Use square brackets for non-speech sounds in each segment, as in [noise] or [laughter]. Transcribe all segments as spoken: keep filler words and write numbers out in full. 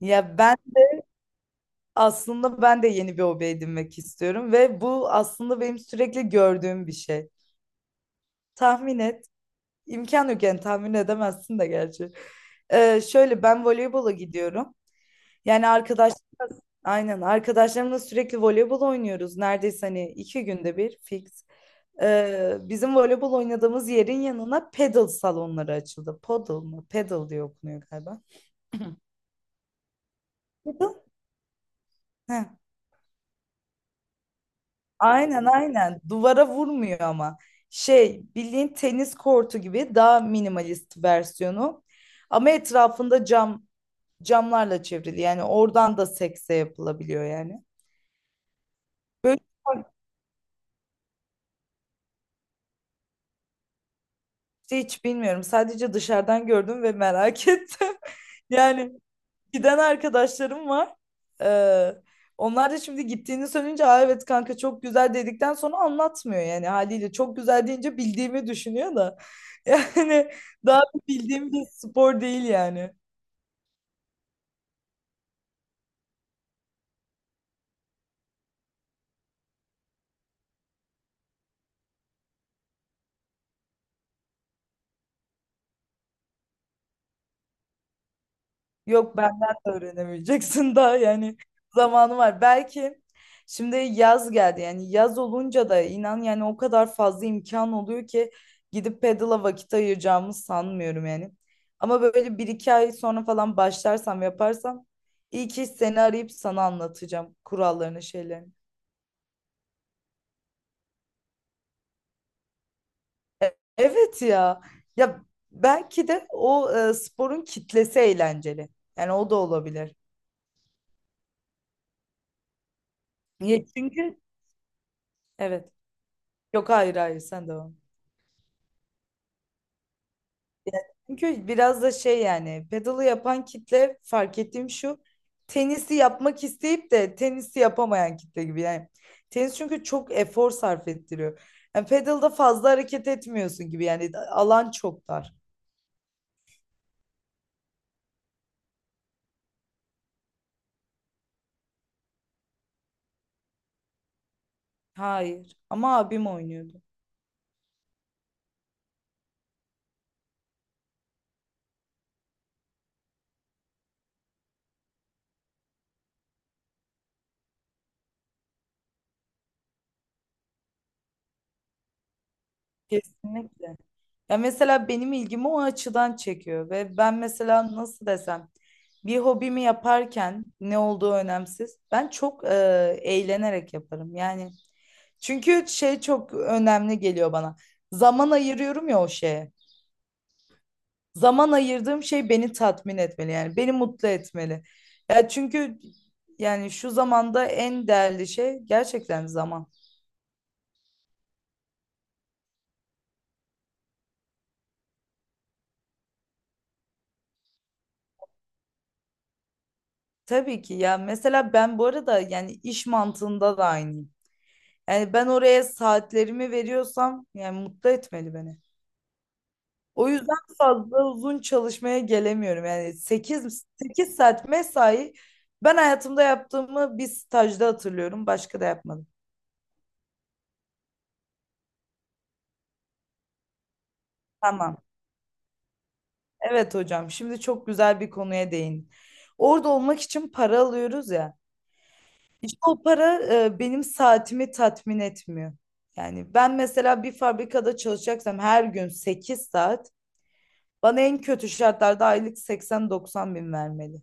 Ya ben aslında ben de yeni bir hobi edinmek istiyorum ve bu aslında benim sürekli gördüğüm bir şey. Tahmin et. İmkan yok yani tahmin edemezsin de gerçi. Ee, şöyle ben voleybola gidiyorum. Yani arkadaş Aynen arkadaşlarımla sürekli voleybol oynuyoruz. Neredeyse hani iki günde bir fix. Ee, bizim voleybol oynadığımız yerin yanına pedal salonları açıldı. Podal mı? Pedal diye okunuyor galiba. Pedal? Heh. Aynen, aynen. Duvara vurmuyor ama. Şey, bildiğin tenis kortu gibi daha minimalist versiyonu. Ama etrafında cam camlarla çevrili. Yani oradan da sekse yapılabiliyor yani. Böyle bir şey hiç bilmiyorum. Sadece dışarıdan gördüm ve merak [laughs] ettim. Yani giden arkadaşlarım var. Ee, Onlar da şimdi gittiğini söyleyince, Aa, evet kanka çok güzel dedikten sonra anlatmıyor yani, haliyle çok güzel deyince bildiğimi düşünüyor da [laughs] yani daha bildiğim bir spor değil yani. Yok, benden de öğrenemeyeceksin [laughs] daha yani zamanı var. Belki şimdi yaz geldi, yani yaz olunca da inan yani o kadar fazla imkan oluyor ki gidip pedala vakit ayıracağımı sanmıyorum yani. Ama böyle bir iki ay sonra falan başlarsam, yaparsam iyi ki seni arayıp sana anlatacağım kurallarını, şeylerini. Evet ya, ya belki de o e, sporun kitlesi eğlenceli, yani o da olabilir. Niye? Çünkü evet Yok, hayır, hayır, sen devam. Çünkü biraz da şey, yani pedalı yapan kitle, fark ettiğim şu: tenisi yapmak isteyip de tenisi yapamayan kitle gibi yani. Tenis çünkü çok efor sarf ettiriyor. Yani pedalda fazla hareket etmiyorsun gibi, yani alan çok dar. Hayır, ama abim oynuyordu. Kesinlikle. Ya mesela benim ilgimi o açıdan çekiyor ve ben mesela nasıl desem, bir hobimi yaparken ne olduğu önemsiz. Ben çok e, eğlenerek yaparım. Yani çünkü şey çok önemli geliyor bana. Zaman ayırıyorum ya o şeye. Zaman ayırdığım şey beni tatmin etmeli, yani beni mutlu etmeli. Ya çünkü yani şu zamanda en değerli şey gerçekten zaman. Tabii ki ya, mesela ben bu arada yani iş mantığında da aynıyım. Yani ben oraya saatlerimi veriyorsam yani mutlu etmeli beni. O yüzden fazla uzun çalışmaya gelemiyorum. Yani sekiz sekiz saat mesai ben hayatımda yaptığımı bir stajda hatırlıyorum. Başka da yapmadım. Tamam. Evet hocam. Şimdi çok güzel bir konuya değin. Orada olmak için para alıyoruz ya. İşte o para, e, benim saatimi tatmin etmiyor. Yani ben mesela bir fabrikada çalışacaksam her gün sekiz saat bana en kötü şartlarda aylık seksen doksan bin vermeli.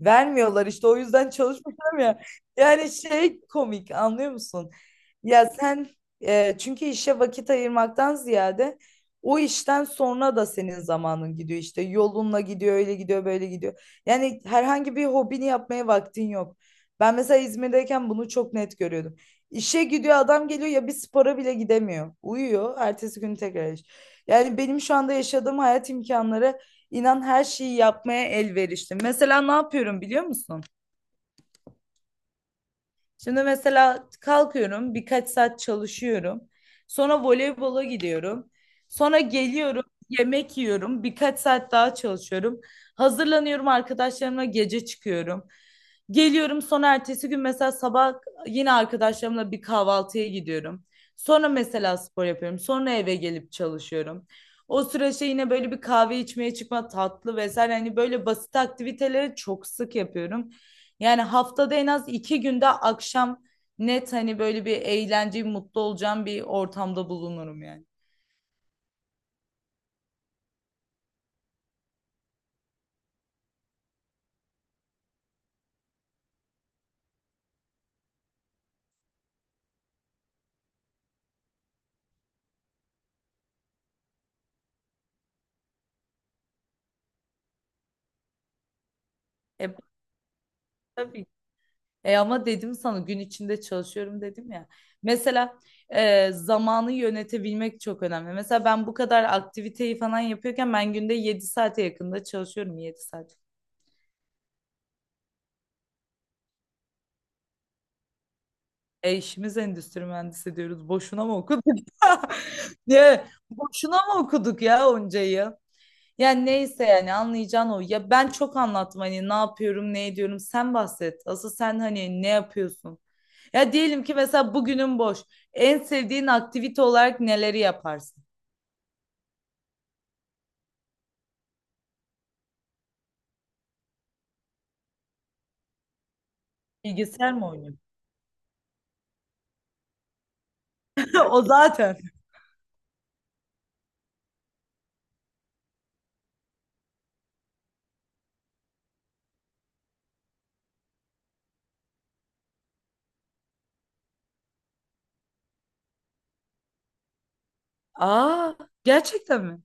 Vermiyorlar işte, o yüzden çalışmıyorum ya. Yani şey, komik, anlıyor musun? Ya sen e, çünkü işe vakit ayırmaktan ziyade o işten sonra da senin zamanın gidiyor, işte yolunla gidiyor, öyle gidiyor, böyle gidiyor. Yani herhangi bir hobini yapmaya vaktin yok. Ben mesela İzmir'deyken bunu çok net görüyordum. İşe gidiyor adam, geliyor ya, bir spora bile gidemiyor. Uyuyor, ertesi gün tekrar iş. Yani benim şu anda yaşadığım hayat imkanları, İnan her şeyi yapmaya elverişli. Mesela ne yapıyorum biliyor musun? Şimdi mesela kalkıyorum, birkaç saat çalışıyorum. Sonra voleybola gidiyorum. Sonra geliyorum, yemek yiyorum, birkaç saat daha çalışıyorum. Hazırlanıyorum, arkadaşlarımla gece çıkıyorum. Geliyorum, sonra ertesi gün mesela sabah yine arkadaşlarımla bir kahvaltıya gidiyorum. Sonra mesela spor yapıyorum. Sonra eve gelip çalışıyorum. O süreçte yine böyle bir kahve içmeye çıkma, tatlı vesaire, hani böyle basit aktiviteleri çok sık yapıyorum. Yani haftada en az iki günde akşam, net hani böyle bir eğlence, mutlu olacağım bir ortamda bulunurum yani. E, tabii. E ama dedim sana gün içinde çalışıyorum dedim ya. Mesela e, zamanı yönetebilmek çok önemli. Mesela ben bu kadar aktiviteyi falan yapıyorken ben günde yedi saate yakında çalışıyorum, yedi saat. E işimiz endüstri mühendisi diyoruz. Boşuna mı okuduk? [laughs] Ne? Boşuna mı okuduk ya onca yıl? Yani neyse, yani anlayacağın o. Ya ben çok anlattım hani ne yapıyorum, ne ediyorum. Sen bahset. Asıl sen hani ne yapıyorsun? Ya diyelim ki mesela bugünün boş. En sevdiğin aktivite olarak neleri yaparsın? Bilgisayar mı oynuyorsun? [laughs] O zaten. Aa, gerçekten mi?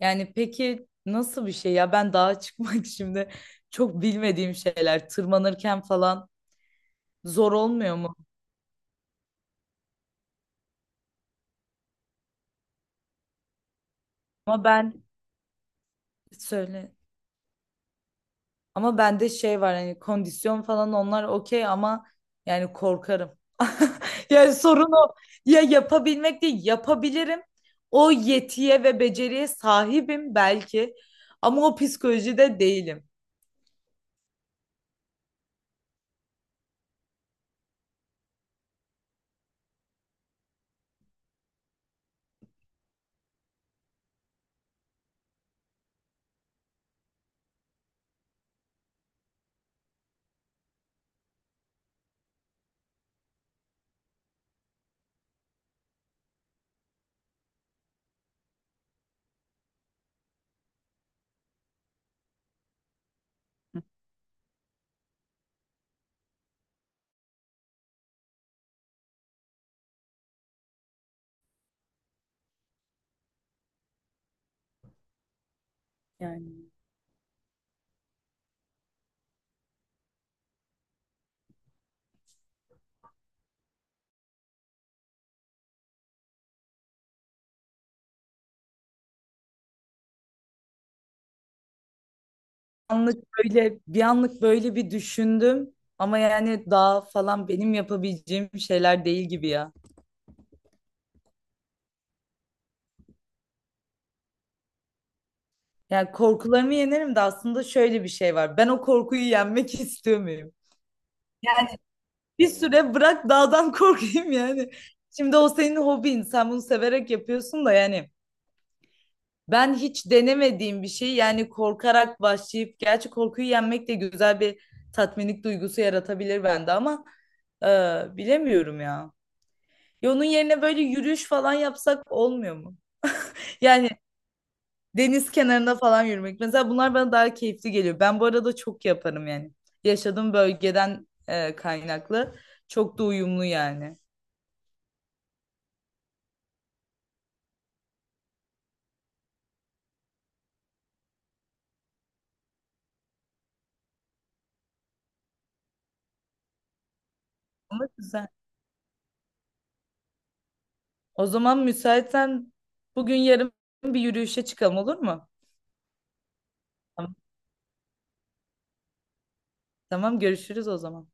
Yani peki nasıl bir şey ya? Ben dağa çıkmak [laughs] şimdi çok bilmediğim şeyler. Tırmanırken falan zor olmuyor mu? Ama ben, söyle. Ama bende şey var hani, kondisyon falan onlar okey, ama yani korkarım. [laughs] Yani sorun o. Ya yapabilmek değil, yapabilirim. O yetiye ve beceriye sahibim belki, ama o psikolojide değilim. Yani anlık böyle bir, anlık böyle bir düşündüm, ama yani daha falan benim yapabileceğim şeyler değil gibi ya. Yani korkularımı yenerim de, aslında şöyle bir şey var. Ben o korkuyu yenmek [laughs] istiyor muyum? Bir süre bırak dağdan [laughs] korkayım yani. Şimdi o senin hobin. Sen bunu severek yapıyorsun da yani. Ben hiç denemediğim bir şey, yani korkarak başlayıp, gerçi korkuyu yenmek de güzel bir tatminlik duygusu yaratabilir bende, ama e, bilemiyorum ya. Ya onun yerine böyle yürüyüş falan yapsak olmuyor mu? Yani deniz kenarında falan yürümek. Mesela bunlar bana daha keyifli geliyor. Ben bu arada çok yaparım yani. Yaşadığım bölgeden e, kaynaklı. Çok da uyumlu yani. Ama güzel. O zaman müsaitsen bugün yarın bir yürüyüşe çıkalım, olur mu? Tamam, tamam görüşürüz o zaman.